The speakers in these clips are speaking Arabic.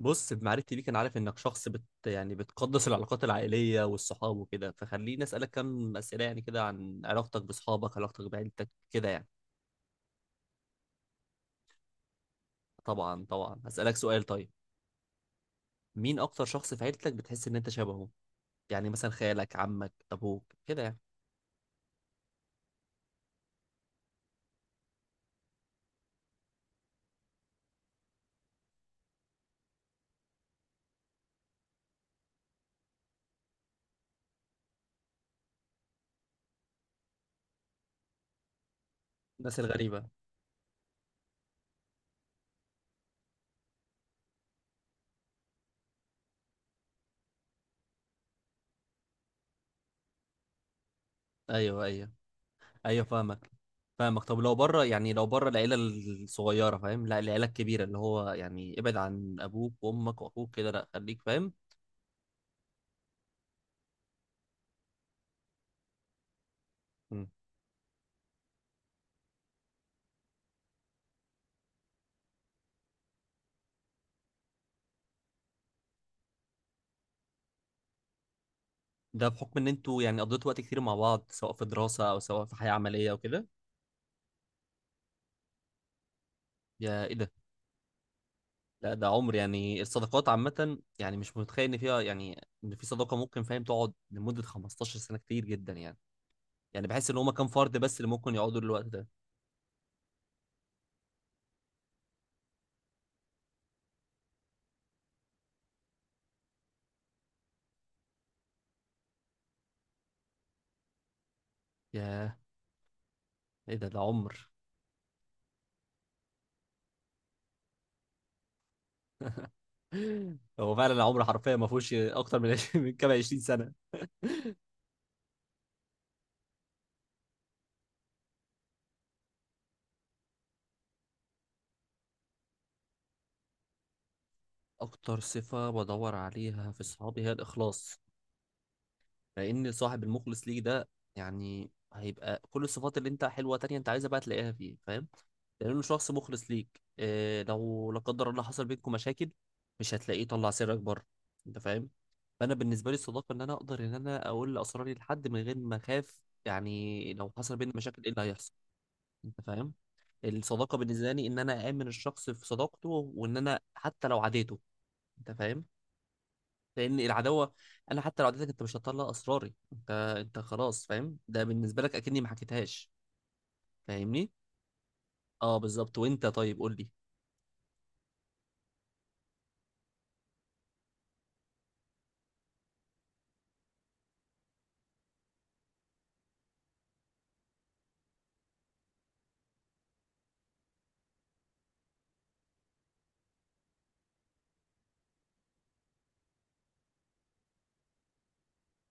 بص، بمعرفتي بيك انا عارف انك شخص يعني بتقدس العلاقات العائليه والصحاب وكده. فخليني اسالك كم اسئله يعني كده عن علاقتك باصحابك، علاقتك بعيلتك كده يعني. طبعا طبعا، هسالك سؤال طيب. مين اكتر شخص في عيلتك بتحس ان انت شبهه؟ يعني مثلا خالك، عمك، ابوك كده يعني. الناس الغريبه. ايوه، ايوه، ايوه، فاهمك. فاهمك. طب لو بره يعني لو بره العيله الصغيره فاهم؟ لا، العيله الكبيره اللي هو يعني ابعد عن ابوك وامك واخوك كده، لا خليك فاهم. ده بحكم ان انتوا يعني قضيتوا وقت كتير مع بعض سواء في دراسة او سواء في حياة عملية وكده. يا ايه ده! لا ده عمر يعني. الصداقات عامة يعني مش متخيل ان فيها يعني ان في صداقة ممكن فاهم تقعد لمدة 15 سنة، كتير جدا يعني. يعني بحس ان هما كام فرد بس اللي ممكن يقعدوا للوقت ده. يا ايه ده، ده عمر. هو فعلا العمر حرفيا ما فيهوش اكتر من 20، من كام، 20 سنة. اكتر صفة بدور عليها في صحابي هي الاخلاص. لان صاحب المخلص ليك ده يعني هيبقى كل الصفات اللي انت حلوه تانية انت عايزها بقى تلاقيها فيه، فاهم؟ لانه شخص مخلص ليك. إيه لو لا قدر الله حصل بينكم مشاكل؟ مش هتلاقيه طلع سرك بره. انت فاهم؟ فانا بالنسبه لي الصداقه ان انا اقدر ان انا اقول اسراري لحد من غير ما اخاف. يعني لو حصل بيننا مشاكل ايه اللي هيحصل؟ انت فاهم؟ الصداقه بالنسبه لي ان انا اامن الشخص في صداقته وان انا حتى لو عاديته. انت فاهم؟ لان العداوه، انا حتى لو عدتك انت مش هتطلع اسراري. انت، انت خلاص فاهم ده بالنسبه لك اكني ما حكيتهاش. فاهمني؟ اه بالظبط. وانت طيب قول لي.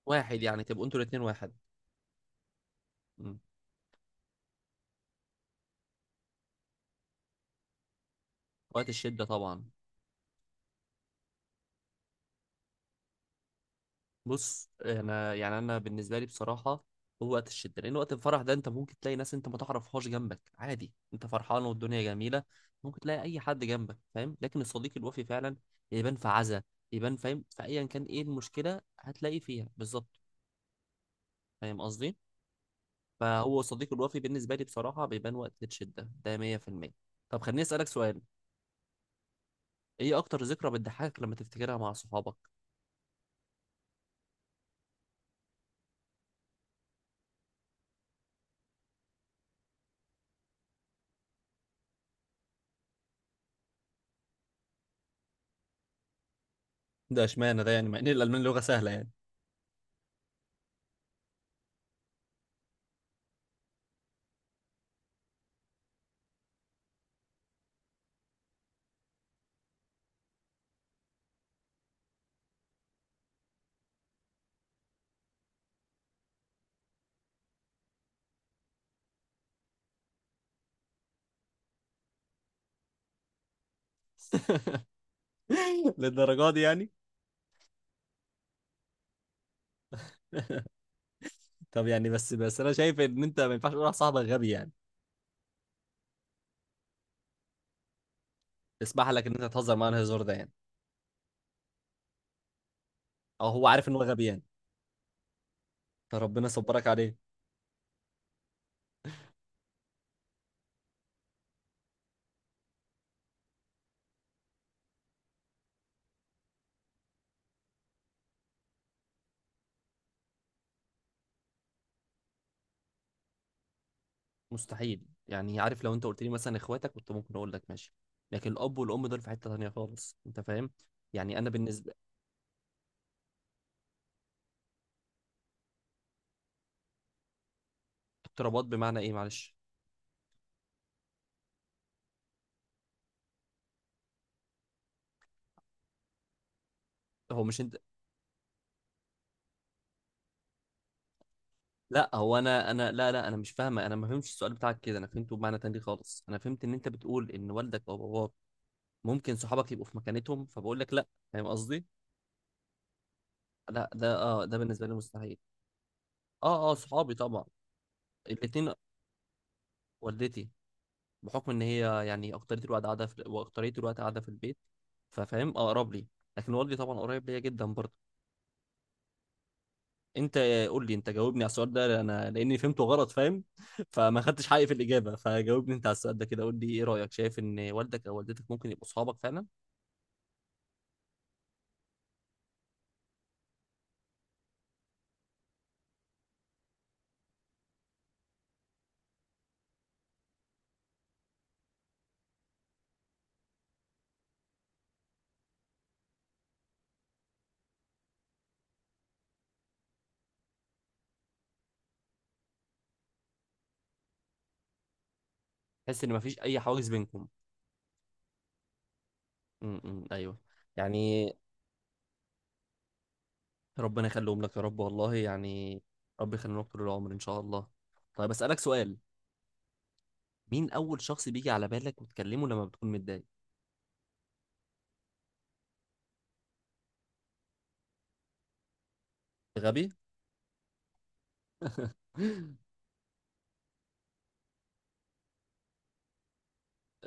واحد يعني تبقوا انتوا الاتنين واحد. مم. وقت الشده طبعا. بص انا يعني انا بالنسبه لي بصراحه، هو وقت الشده. لان وقت الفرح ده انت ممكن تلاقي ناس انت ما تعرفهاش جنبك عادي، انت فرحان والدنيا جميله. ممكن تلاقي اي حد جنبك فاهم. لكن الصديق الوفي فعلا يبان في عزا، يبان فاهم، فايا كان ايه المشكله هتلاقيه فيها بالظبط. فاهم قصدي؟ فهو صديق الوفي بالنسبة لي بصراحة بيبان وقت الشدة ده 100%. طب خليني أسألك سؤال. إيه أكتر ذكرى بتضحكك لما تفتكرها مع صحابك؟ ده اشمعنى ده يعني مع ان الالمان لغه سهله يعني. للدرجه دي يعني؟ طب يعني بس انا شايف ان انت ما ينفعش تقول على صاحبك غبي يعني. اسمح لك ان انت تهزر معاه الهزار ده يعني؟ او هو عارف ان هو غبي يعني؟ فربنا صبرك عليه. مستحيل يعني. عارف لو أنت قلت لي مثلا إخواتك كنت ممكن أقول لك ماشي. لكن الأب والأم دول في حتة تانية خالص، أنت فاهم؟ يعني أنا بالنسبة، اقترابات بمعنى إيه معلش؟ هو مش انت، لا هو انا، لا لا، انا مش فاهمه. انا ما فهمتش السؤال بتاعك كده. انا فهمته بمعنى تاني خالص. انا فهمت ان انت بتقول ان والدك او باباك ممكن صحابك يبقوا في مكانتهم، فبقول لك لا. فاهم قصدي؟ لا ده، اه ده بالنسبه لي مستحيل. اه اه، صحابي طبعا. الاثنين. والدتي. بحكم ان هي يعني اكترية الوقت قاعده في واكترية الوقت قاعده في البيت، ففاهم اقرب لي. لكن والدي طبعا قريب ليا جدا برضه. انت قول لي، انت جاوبني على السؤال ده انا لاني فهمته غلط فاهم، فما خدتش حقي في الاجابه. فجاوبني انت على السؤال ده كده. قول لي ايه رايك، شايف ان والدك او والدتك ممكن يبقوا صحابك فعلا؟ تحس ان مفيش اي حواجز بينكم؟ امم، ايوه يعني. ربنا يخليهم لك يا رب والله يعني. رب يخليهم لك طول العمر ان شاء الله. طيب اسالك سؤال. مين اول شخص بيجي على بالك وتكلمه لما بتكون متضايق؟ غبي؟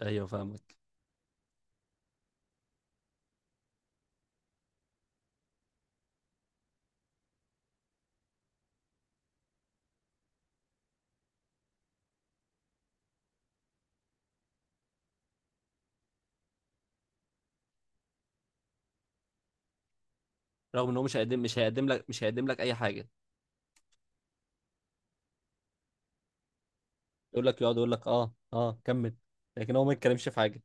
ايوه فاهمك. رغم ان هو مش هيقدم لك اي حاجه. يقول لك، يقعد يقول لك اه اه كمل. لكن هو ما يتكلمش في حاجه.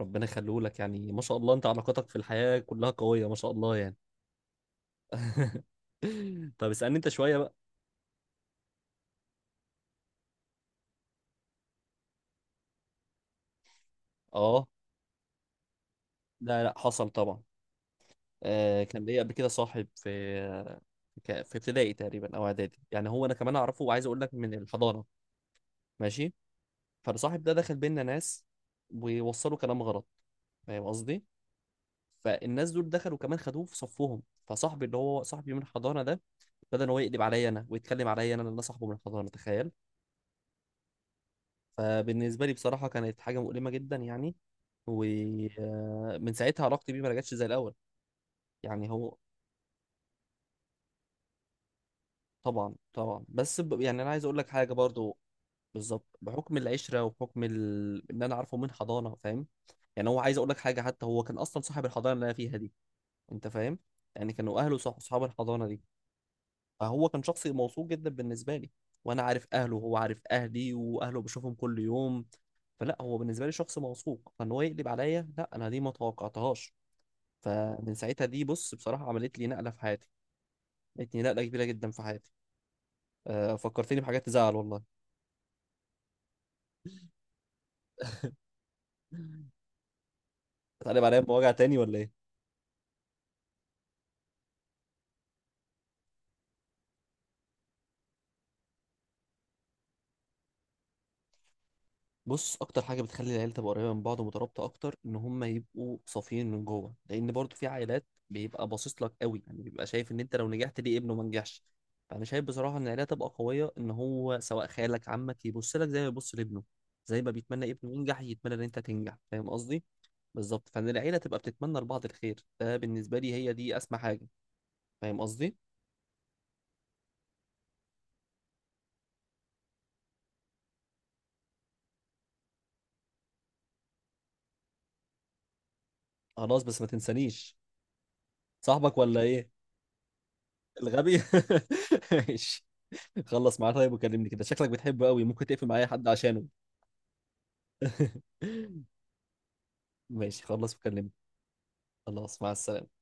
ربنا يخليه لك يعني، ما شاء الله انت علاقاتك في الحياه كلها قويه ما شاء الله يعني. طب اسالني انت شويه بقى. اه لا لا، حصل طبعا. كان ليا قبل كده صاحب في في ابتدائي تقريبا او اعدادي يعني. هو انا كمان اعرفه وعايز اقول لك من الحضانه. ماشي. فالصاحب ده دخل بينا ناس ووصلوا كلام غلط. فاهم قصدي؟ فالناس دول دخلوا كمان خدوه في صفهم. فصاحبي اللي هو صاحبي من الحضانه ده ابتدى ان هو يقلب عليا انا ويتكلم عليا انا لان أنا صاحبه من الحضانه، تخيل! فبالنسبه لي بصراحه كانت حاجه مؤلمه جدا يعني. ومن ساعتها علاقتي بيه ما رجعتش زي الاول. يعني هو، طبعا طبعا بس يعني انا عايز اقول لك حاجه برضو. بالظبط بحكم العشره وبحكم ان انا عارفه من حضانه فاهم. يعني هو عايز اقول لك حاجه، حتى هو كان اصلا صاحب الحضانه اللي انا فيها دي. انت فاهم؟ يعني كانوا اهله صحاب الحضانه دي. فهو كان شخص موثوق جدا بالنسبة لي. وأنا عارف أهله وهو عارف أهلي، وأهله بشوفهم كل يوم. فلا، هو بالنسبة لي شخص موثوق، فإن هو يقلب عليا لا، أنا دي ما توقعتهاش. فمن ساعتها دي بص بصراحة عملت لي نقلة في حياتي. عملت لي نقلة كبيرة جدا في حياتي. فكرتني بحاجات تزعل والله. هتقلب عليا بمواجع تاني ولا إيه؟ بص اكتر حاجه بتخلي العيله تبقى قريبه من بعض ومترابطه اكتر ان هم يبقوا صافيين من جوه. لان برضو في عائلات بيبقى باصص لك قوي يعني بيبقى شايف ان انت لو نجحت ليه ابنه ما نجحش. فانا شايف بصراحه ان العيله تبقى قويه ان هو سواء خالك عمك يبص لك زي ما يبص لابنه. زي ما بيتمنى ابنه ينجح يتمنى ان انت تنجح، فاهم قصدي؟ بالظبط. فان العيله تبقى بتتمنى لبعض الخير، ده بالنسبه لي هي دي اسمى حاجه. فاهم قصدي؟ خلاص بس ما تنسانيش. صاحبك ولا ايه؟ الغبي. ماشي. خلص معاه طيب وكلمني كده، شكلك بتحبه قوي، ممكن تقفل مع اي حد عشانه. ماشي خلص وكلمني. خلاص، مع السلامة.